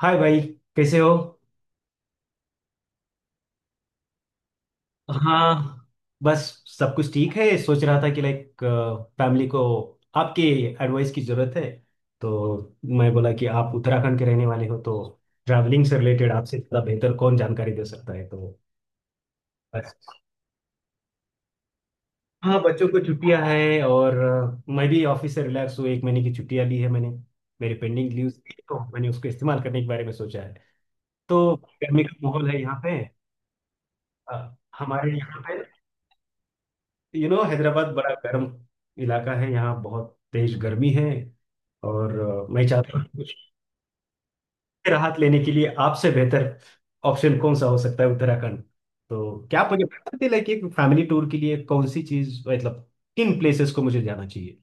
हाय भाई, कैसे हो? हाँ। बस सब कुछ ठीक है। सोच रहा था कि लाइक फैमिली को आपकी एडवाइस की ज़रूरत है। तो मैं बोला कि आप उत्तराखंड के रहने वाले हो, तो ट्रैवलिंग से रिलेटेड आपसे ज़्यादा बेहतर कौन जानकारी दे सकता है। तो बस। हाँ, बच्चों को छुट्टियां हैं, और मैं भी ऑफिस से रिलैक्स हूँ। एक महीने की छुट्टियां ली है मैंने। मेरे पेंडिंग लीव्स थी, तो मैंने उसको इस्तेमाल करने के बारे में सोचा है। तो गर्मी का माहौल है यहाँ पे। हमारे यहाँ पे यू नो हैदराबाद बड़ा गर्म इलाका है। यहाँ बहुत तेज गर्मी है। और मैं चाहता हूँ कुछ राहत लेने के लिए। आपसे बेहतर ऑप्शन कौन सा हो सकता है उत्तराखंड? तो क्या आप मुझे बता सकते हैं लाइक एक फैमिली टूर के लिए कौन सी चीज, मतलब किन प्लेसेस को मुझे जाना चाहिए?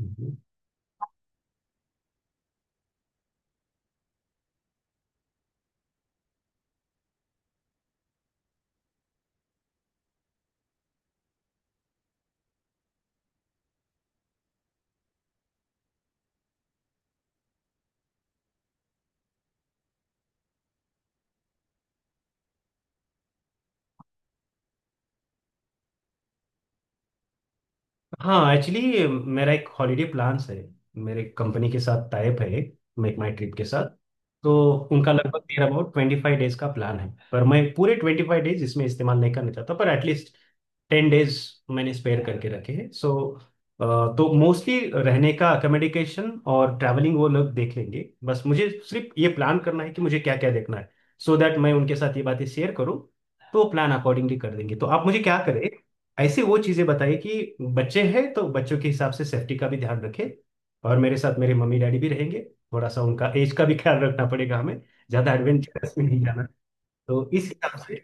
हम्म। हाँ, एक्चुअली मेरा एक हॉलीडे प्लान्स है, मेरे कंपनी के साथ टाइप है, मेक माई ट्रिप के साथ। तो उनका लगभग नियर अबाउट 25 डेज का प्लान है, पर मैं पूरे 25 डेज इसमें इस्तेमाल नहीं करना चाहता, पर एटलीस्ट 10 डेज मैंने स्पेयर करके रखे हैं। सो तो मोस्टली रहने का अकोमोडेशन और ट्रैवलिंग वो लोग देख लेंगे। बस मुझे सिर्फ ये प्लान करना है कि मुझे क्या क्या देखना है। सो दैट मैं उनके साथ ये बातें शेयर करूँ। तो प्लान अकॉर्डिंगली कर देंगे। तो आप मुझे क्या करें, ऐसे वो चीज़ें बताइए कि बच्चे हैं, तो बच्चों के हिसाब से सेफ्टी का भी ध्यान रखें। और मेरे साथ मेरे मम्मी डैडी भी रहेंगे, थोड़ा सा उनका एज का भी ख्याल रखना पड़ेगा हमें। ज़्यादा एडवेंचरस में नहीं जाना। तो इस हिसाब से।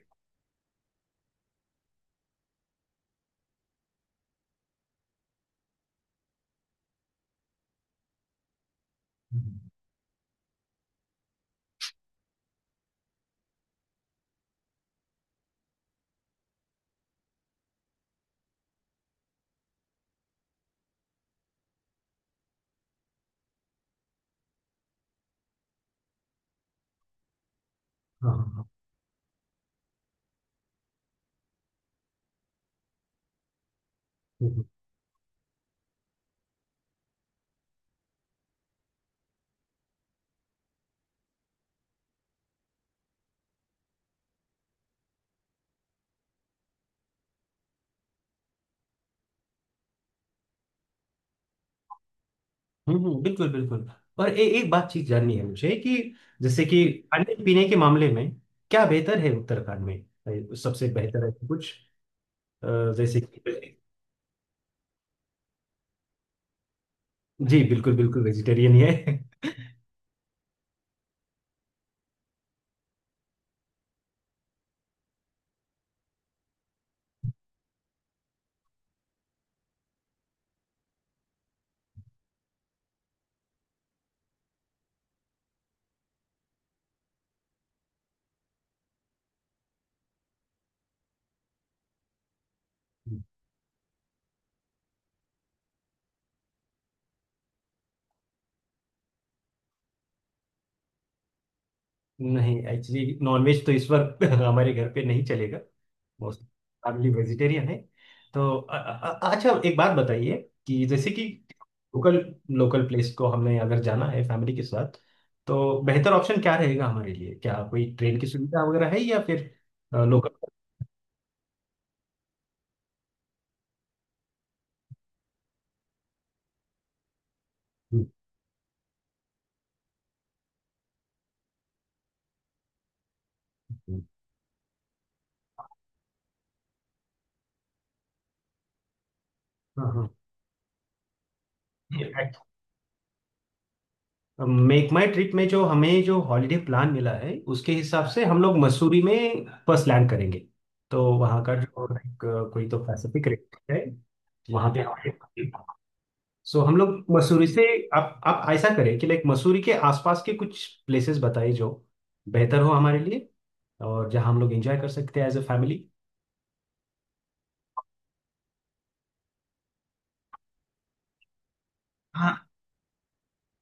हाँ, हाँ, हाँ, हम्म, बिल्कुल, बिल्कुल। और एक बात चीज जाननी है मुझे कि, जैसे कि खाने पीने के मामले में क्या बेहतर है उत्तराखंड में? सबसे बेहतर है तो कुछ अ, जैसे कि। जी, बिल्कुल बिल्कुल वेजिटेरियन ही है। नहीं, एक्चुअली नॉनवेज तो इस वक्त हमारे घर पे नहीं चलेगा। मोस्ट फैमिली वेजिटेरियन है। तो अच्छा, एक बात बताइए कि जैसे कि लोकल लोकल प्लेस को हमने अगर जाना है फैमिली के साथ, तो बेहतर ऑप्शन क्या रहेगा हमारे लिए? क्या कोई ट्रेन की सुविधा वगैरह है, या फिर लोकल। हाँ, हाँ। मेक माई ट्रिप में जो हॉलीडे प्लान मिला है, उसके हिसाब से हम लोग मसूरी में फर्स्ट लैंड करेंगे। तो वहाँ का जो लाइक कोई तो पैसिफिक रेट है जी वहाँ पे जी हमारे। सो हम लोग मसूरी से, आप ऐसा करें कि लाइक मसूरी के आसपास के कुछ प्लेसेस बताइए जो बेहतर हो हमारे लिए, और जहाँ हम लोग एंजॉय कर सकते हैं एज अ फैमिली। हाँ,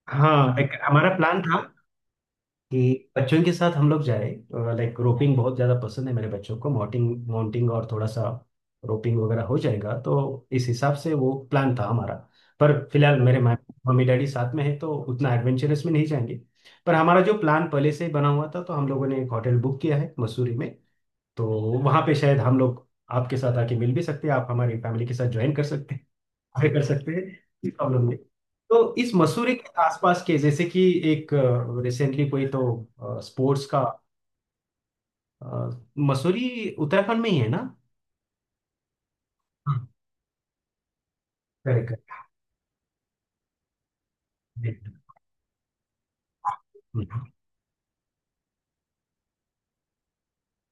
हाँ। एक हमारा प्लान था कि बच्चों के साथ हम लोग जाए लाइक, रोपिंग बहुत ज़्यादा पसंद है मेरे बच्चों को, माउंटिंग माउंटिंग और थोड़ा सा रोपिंग वगैरह हो जाएगा, तो इस हिसाब से वो प्लान था हमारा। पर फिलहाल मेरे मम्मी डैडी साथ में है, तो उतना एडवेंचरस में नहीं जाएंगे। पर हमारा जो प्लान पहले से ही बना हुआ था, तो हम लोगों ने एक होटल बुक किया है मसूरी में। तो वहाँ पे शायद हम लोग आपके साथ आके मिल भी सकते हैं। आप हमारी फैमिली के साथ ज्वाइन कर सकते, आगे कर सकते हैं। कोई प्रॉब्लम नहीं। तो इस मसूरी के आसपास के जैसे कि एक रिसेंटली कोई तो स्पोर्ट्स का अ, मसूरी उत्तराखंड में ही है ना? हाँ, करेक्ट, करेक्ट। हम्म,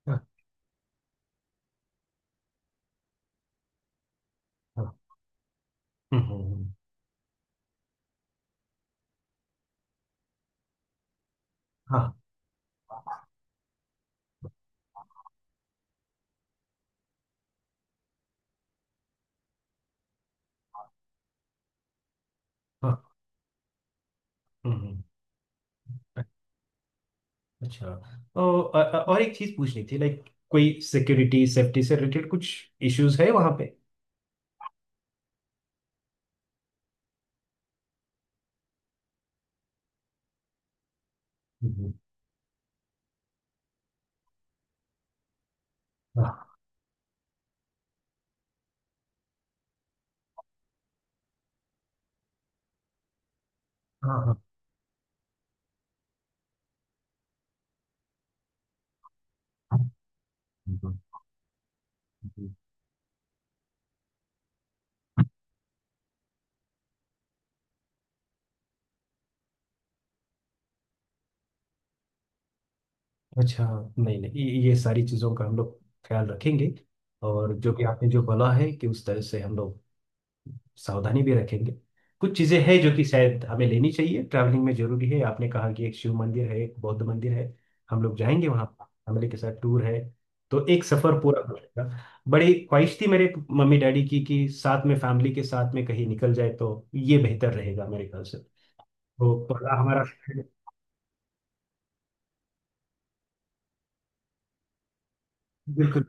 हाँ, हाँ। हम्म। हाँ, हाँ। हम्म। अच्छा, और और एक चीज पूछनी थी लाइक, कोई सिक्योरिटी सेफ्टी से रिलेटेड कुछ इश्यूज है वहां पे? हम्म, हाँ, हाँ, हाँ, हाँ, हाँ। अच्छा, नहीं नहीं, ये सारी चीज़ों का हम लोग ख्याल रखेंगे। और जो कि आपने जो बोला है कि उस तरह से हम लोग सावधानी भी रखेंगे। कुछ चीज़ें हैं जो कि शायद हमें लेनी चाहिए, ट्रैवलिंग में जरूरी है। आपने कहा कि एक शिव मंदिर है, एक बौद्ध मंदिर है। हम लोग जाएंगे वहाँ, फैमिली के साथ टूर है, तो एक सफ़र पूरा हो जाएगा। बड़ी ख्वाहिश थी मेरे मम्मी डैडी की कि साथ में फैमिली के साथ में कहीं निकल जाए, तो ये बेहतर रहेगा मेरे ख्याल से। तो पर हमारा। बिल्कुल,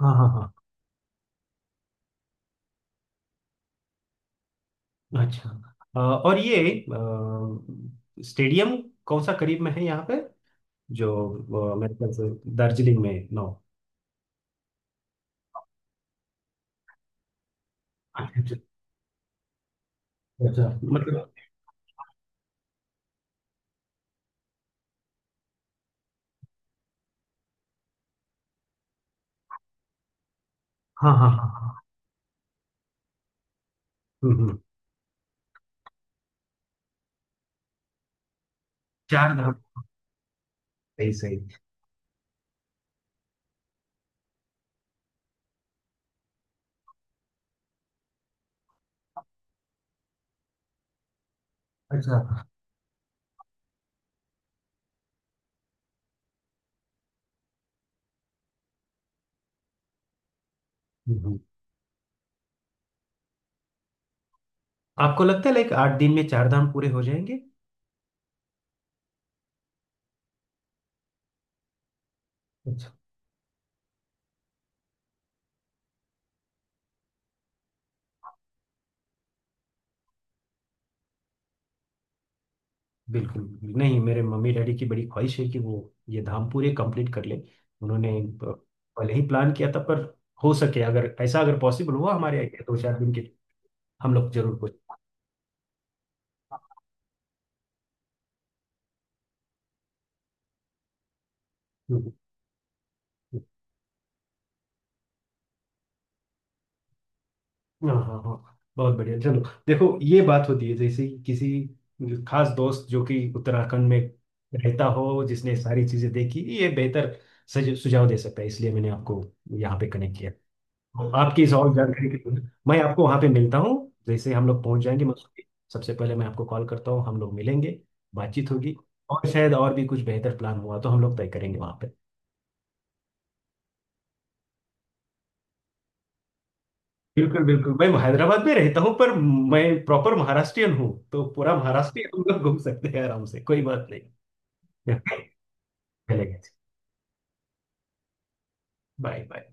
हाँ, हाँ, हाँ। अच्छा, और ये स्टेडियम कौन सा करीब में है यहाँ पे जो मेरे ख्याल से दार्जिलिंग में है। नो। अच्छा, अच्छा। मतलब, हाँ, हाँ, हाँ, हाँ, हम्म, चार धाम। सही, सही। अच्छा। हम्म, हम्म। आपको लगता है लाइक 8 दिन में चार धाम पूरे हो जाएंगे? अच्छा, बिल्कुल बिल्कुल। नहीं, मेरे मम्मी डैडी की बड़ी ख्वाहिश है कि वो ये धाम पूरे कंप्लीट कर ले। उन्होंने पहले ही प्लान किया था। पर हो सके, अगर ऐसा, अगर पॉसिबल हुआ हमारे यहाँ दो चार दिन के, हम लोग जरूर कुछ। हाँ, हाँ, हाँ, बहुत बढ़िया। चलो, देखो ये बात होती है जैसे कि किसी खास दोस्त जो कि उत्तराखंड में रहता हो, जिसने सारी चीजें देखी, ये बेहतर सुझाव दे सकता है। इसलिए मैंने आपको यहाँ पे कनेक्ट किया। तो आपकी इस और जानकारी के लिए मैं आपको वहाँ पे मिलता हूँ। जैसे हम लोग पहुँच जाएंगे मसूरी, सबसे पहले मैं आपको कॉल करता हूँ। हम लोग मिलेंगे, बातचीत होगी। और शायद और भी कुछ बेहतर प्लान हुआ, तो हम लोग तय करेंगे वहाँ पे। बिल्कुल बिल्कुल। मैं हैदराबाद में रहता हूँ, पर मैं प्रॉपर महाराष्ट्रियन हूँ, तो पूरा महाराष्ट्र ही हम लोग घूम सकते हैं आराम से। कोई बात नहीं। चलेगा। Bye, bye.